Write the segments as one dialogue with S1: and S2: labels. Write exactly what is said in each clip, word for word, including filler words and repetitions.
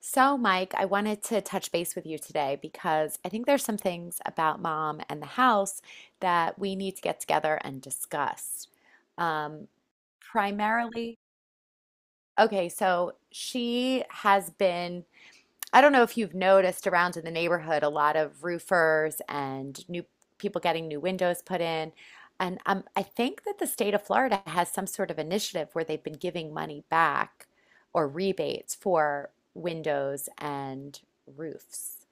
S1: So, Mike, I wanted to touch base with you today because I think there's some things about mom and the house that we need to get together and discuss. Um, primarily, okay, so she has been I don't know if you've noticed around in the neighborhood a lot of roofers and new people getting new windows put in. And um, I think that the state of Florida has some sort of initiative where they've been giving money back or rebates for windows and roofs.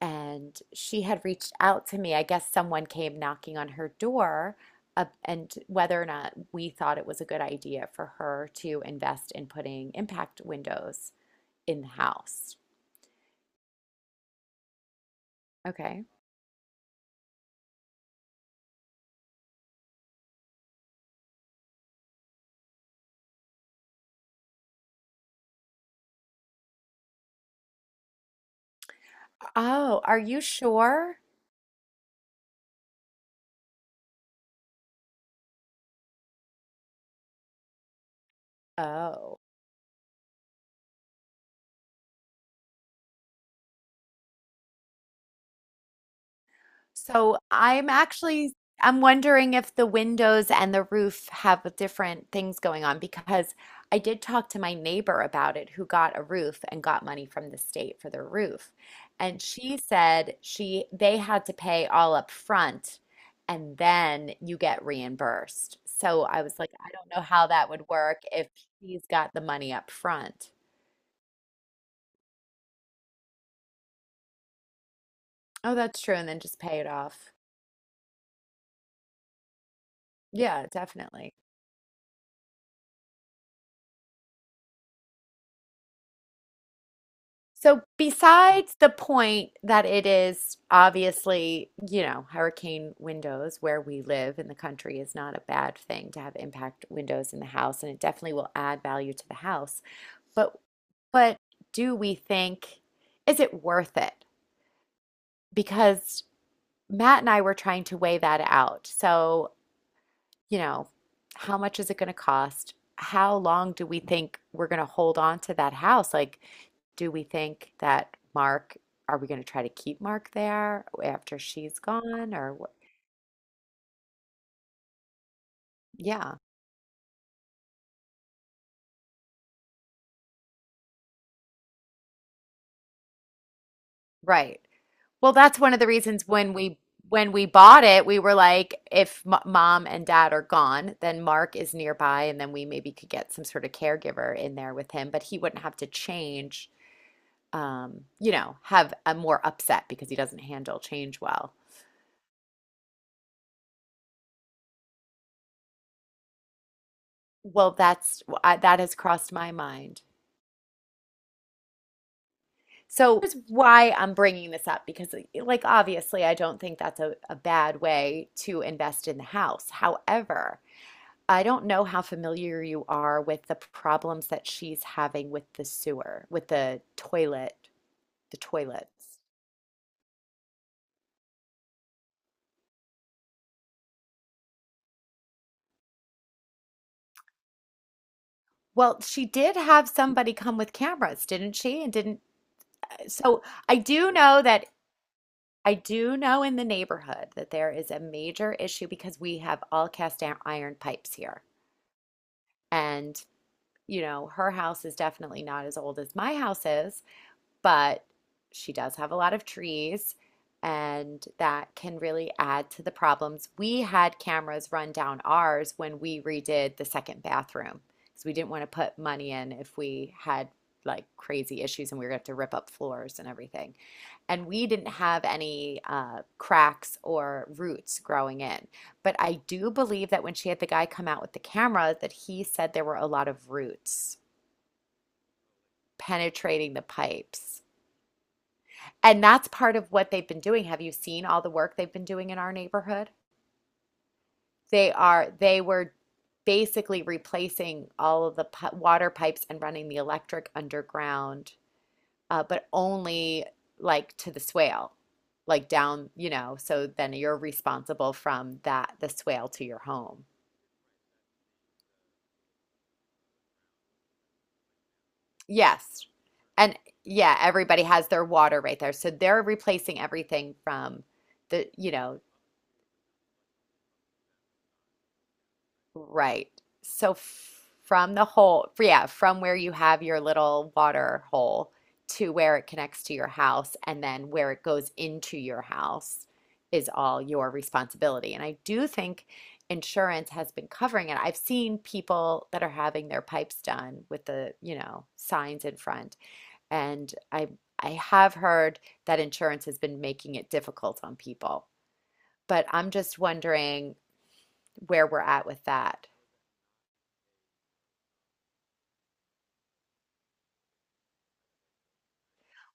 S1: And she had reached out to me. I guess someone came knocking on her door, uh, and whether or not we thought it was a good idea for her to invest in putting impact windows in the house. Okay. Oh, are you sure? Oh. So I'm actually I'm wondering if the windows and the roof have different things going on because I did talk to my neighbor about it who got a roof and got money from the state for their roof. And she said she they had to pay all up front and then you get reimbursed. So I was like, I don't know how that would work if she's got the money up front. Oh, that's true, and then just pay it off. Yeah, definitely. So, besides the point that it is obviously, you know, hurricane windows where we live in the country is not a bad thing to have impact windows in the house, and it definitely will add value to the house. But but do we think is it worth it? Because Matt and I were trying to weigh that out. So, you know, how much is it going to cost? How long do we think we're going to hold on to that house? Like, do we think that Mark, are we going to try to keep Mark there after she's gone or what? Yeah, right. Well, that's one of the reasons when we when we bought it, we were like, if m mom and dad are gone, then Mark is nearby, and then we maybe could get some sort of caregiver in there with him, but he wouldn't have to change, um, you know, have a more upset because he doesn't handle change well. Well, that's I, that has crossed my mind. So that's why I'm bringing this up because, like, obviously, I don't think that's a, a bad way to invest in the house. However, I don't know how familiar you are with the problems that she's having with the sewer, with the toilet, the toilets. Well, she did have somebody come with cameras, didn't she? And didn't, so I do know that I do know in the neighborhood that there is a major issue because we have all cast iron pipes here. And you know, her house is definitely not as old as my house is, but she does have a lot of trees, and that can really add to the problems. We had cameras run down ours when we redid the second bathroom because we didn't want to put money in if we had like crazy issues and we were going to have to rip up floors and everything. And we didn't have any uh, cracks or roots growing in. But I do believe that when she had the guy come out with the camera, that he said there were a lot of roots penetrating the pipes. And that's part of what they've been doing. Have you seen all the work they've been doing in our neighborhood? They are they were basically replacing all of the pi water pipes and running the electric underground, uh, but only like to the swale, like down, you know, so then you're responsible from that the swale to your home. Yes. And yeah, everybody has their water right there. So they're replacing everything from the, you know, Right. So f from the hole, f- yeah, from where you have your little water hole to where it connects to your house and then where it goes into your house is all your responsibility. And I do think insurance has been covering it. I've seen people that are having their pipes done with the, you know, signs in front. And I I have heard that insurance has been making it difficult on people. But I'm just wondering where we're at with that.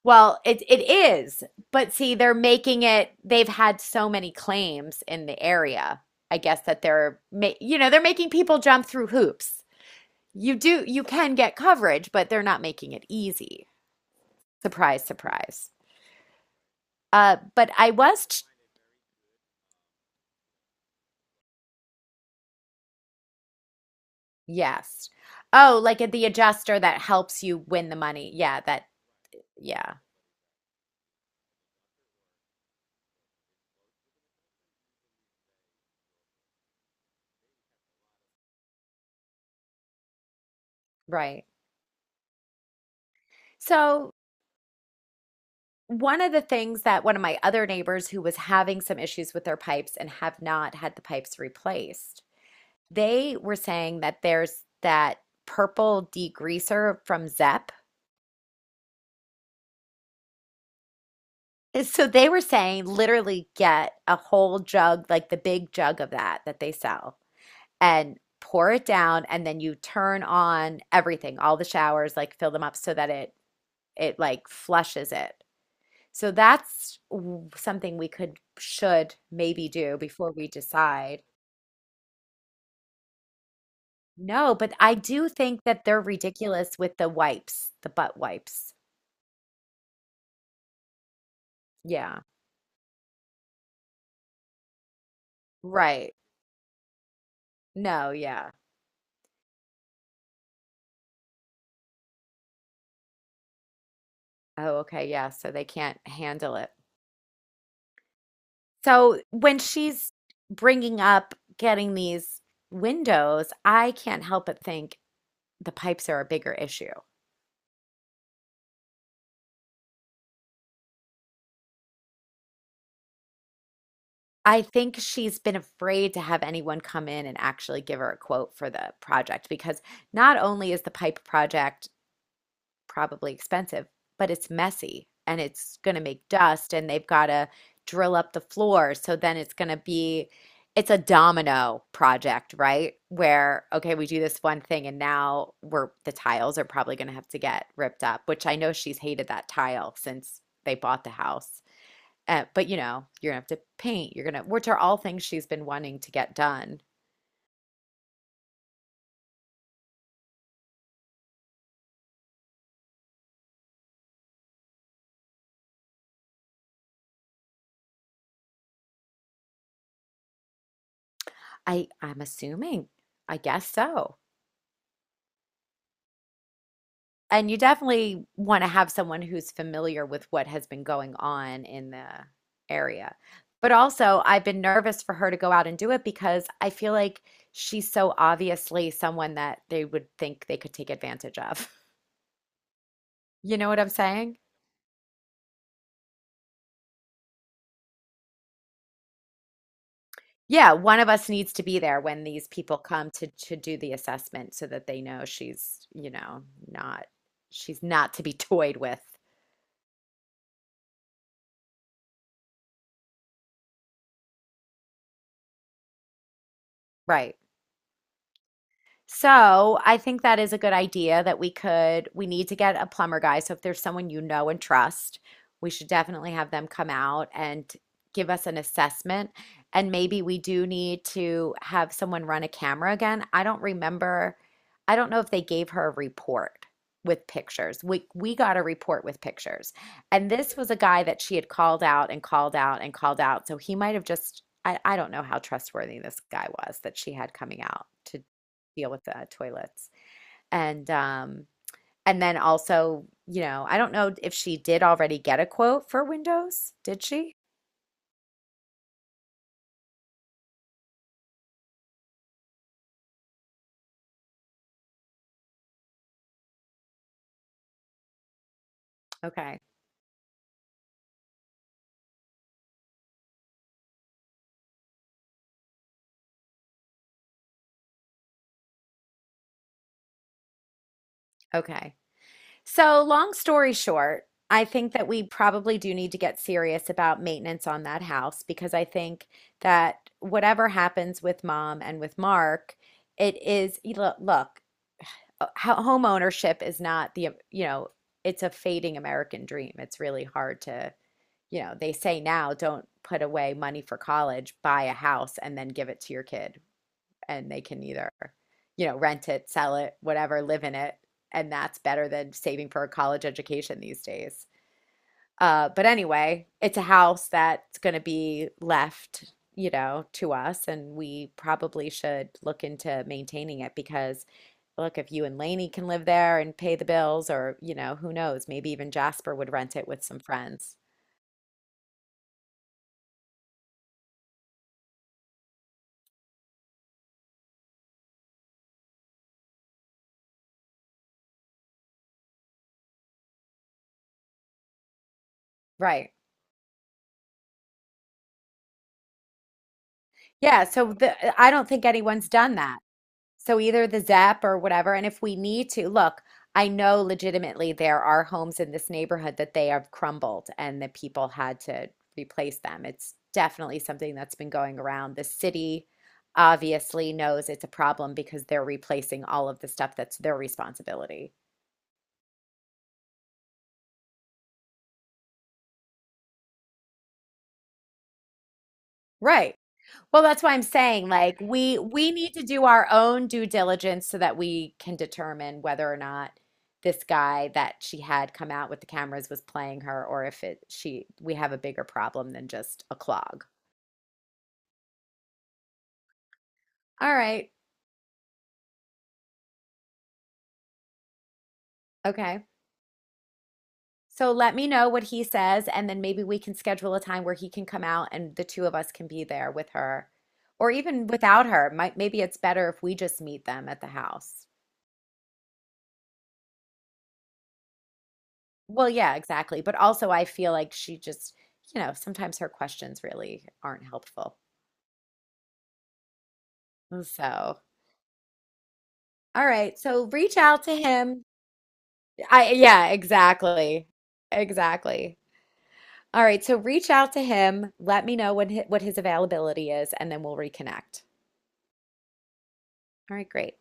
S1: Well, it it is, but see, they're making it, they've had so many claims in the area. I guess that they're ma you know, they're making people jump through hoops. You do, you can get coverage, but they're not making it easy. Surprise, surprise. Uh, but I was, ch- yes. Oh, like at the adjuster that helps you win the money. Yeah, that, yeah, right. So one of the things that one of my other neighbors who was having some issues with their pipes and have not had the pipes replaced. They were saying that there's that purple degreaser from Zepp. So they were saying literally get a whole jug, like the big jug of that that they sell, and pour it down, and then you turn on everything, all the showers, like fill them up so that it it like flushes it. So that's something we could should maybe do before we decide. No, but I do think that they're ridiculous with the wipes, the butt wipes. Yeah. Right. No, yeah. Oh, okay, yeah. So they can't handle it. So when she's bringing up getting these windows, I can't help but think the pipes are a bigger issue. I think she's been afraid to have anyone come in and actually give her a quote for the project because not only is the pipe project probably expensive, but it's messy and it's going to make dust and they've got to drill up the floor. So then it's going to be, it's a domino project, right? Where, okay, we do this one thing and now we're, the tiles are probably going to have to get ripped up, which I know she's hated that tile since they bought the house. Uh, but you know, you're gonna have to paint, you're gonna, which are all things she's been wanting to get done. I, I'm assuming, I guess so. And you definitely want to have someone who's familiar with what has been going on in the area. But also, I've been nervous for her to go out and do it because I feel like she's so obviously someone that they would think they could take advantage of. You know what I'm saying? Yeah, one of us needs to be there when these people come to to do the assessment so that they know she's, you know, not she's not to be toyed with. Right. So I think that is a good idea that we could, we need to get a plumber guy. So if there's someone you know and trust, we should definitely have them come out and give us an assessment. And maybe we do need to have someone run a camera again. I don't remember, I don't know if they gave her a report with pictures. We we got a report with pictures. And this was a guy that she had called out and called out and called out. So he might have just, I, I don't know how trustworthy this guy was that she had coming out to deal with the toilets. And um, and then also, you know, I don't know if she did already get a quote for windows. Did she? Okay. Okay. So, long story short, I think that we probably do need to get serious about maintenance on that house because I think that whatever happens with mom and with Mark, it is, look, look, uh, ho- home ownership is not the, you know, it's a fading American dream. It's really hard to you know, they say now don't put away money for college, buy a house and then give it to your kid. And they can either, you know, rent it, sell it, whatever, live in it. And that's better than saving for a college education these days. Uh, but anyway, it's a house that's going to be left, you know, to us. And we probably should look into maintaining it because, look, if you and Lainey can live there and pay the bills, or, you know, who knows, maybe even Jasper would rent it with some friends. Right. Yeah, so the, I don't think anyone's done that. So either the ZEP or whatever. And if we need to, look, I know legitimately there are homes in this neighborhood that they have crumbled and the people had to replace them. It's definitely something that's been going around. The city obviously knows it's a problem because they're replacing all of the stuff that's their responsibility. Right. Well, that's why I'm saying like we we need to do our own due diligence so that we can determine whether or not this guy that she had come out with the cameras was playing her or if it she we have a bigger problem than just a clog. All right. Okay. So let me know what he says and then maybe we can schedule a time where he can come out and the two of us can be there with her or even without her. Might maybe it's better if we just meet them at the house. Well, yeah, exactly. But also, I feel like she just, you know, sometimes her questions really aren't helpful. So, all right. So reach out to him. I, yeah, exactly. Exactly. All right. So reach out to him. Let me know when hi- what his availability is, and then we'll reconnect. All right, great.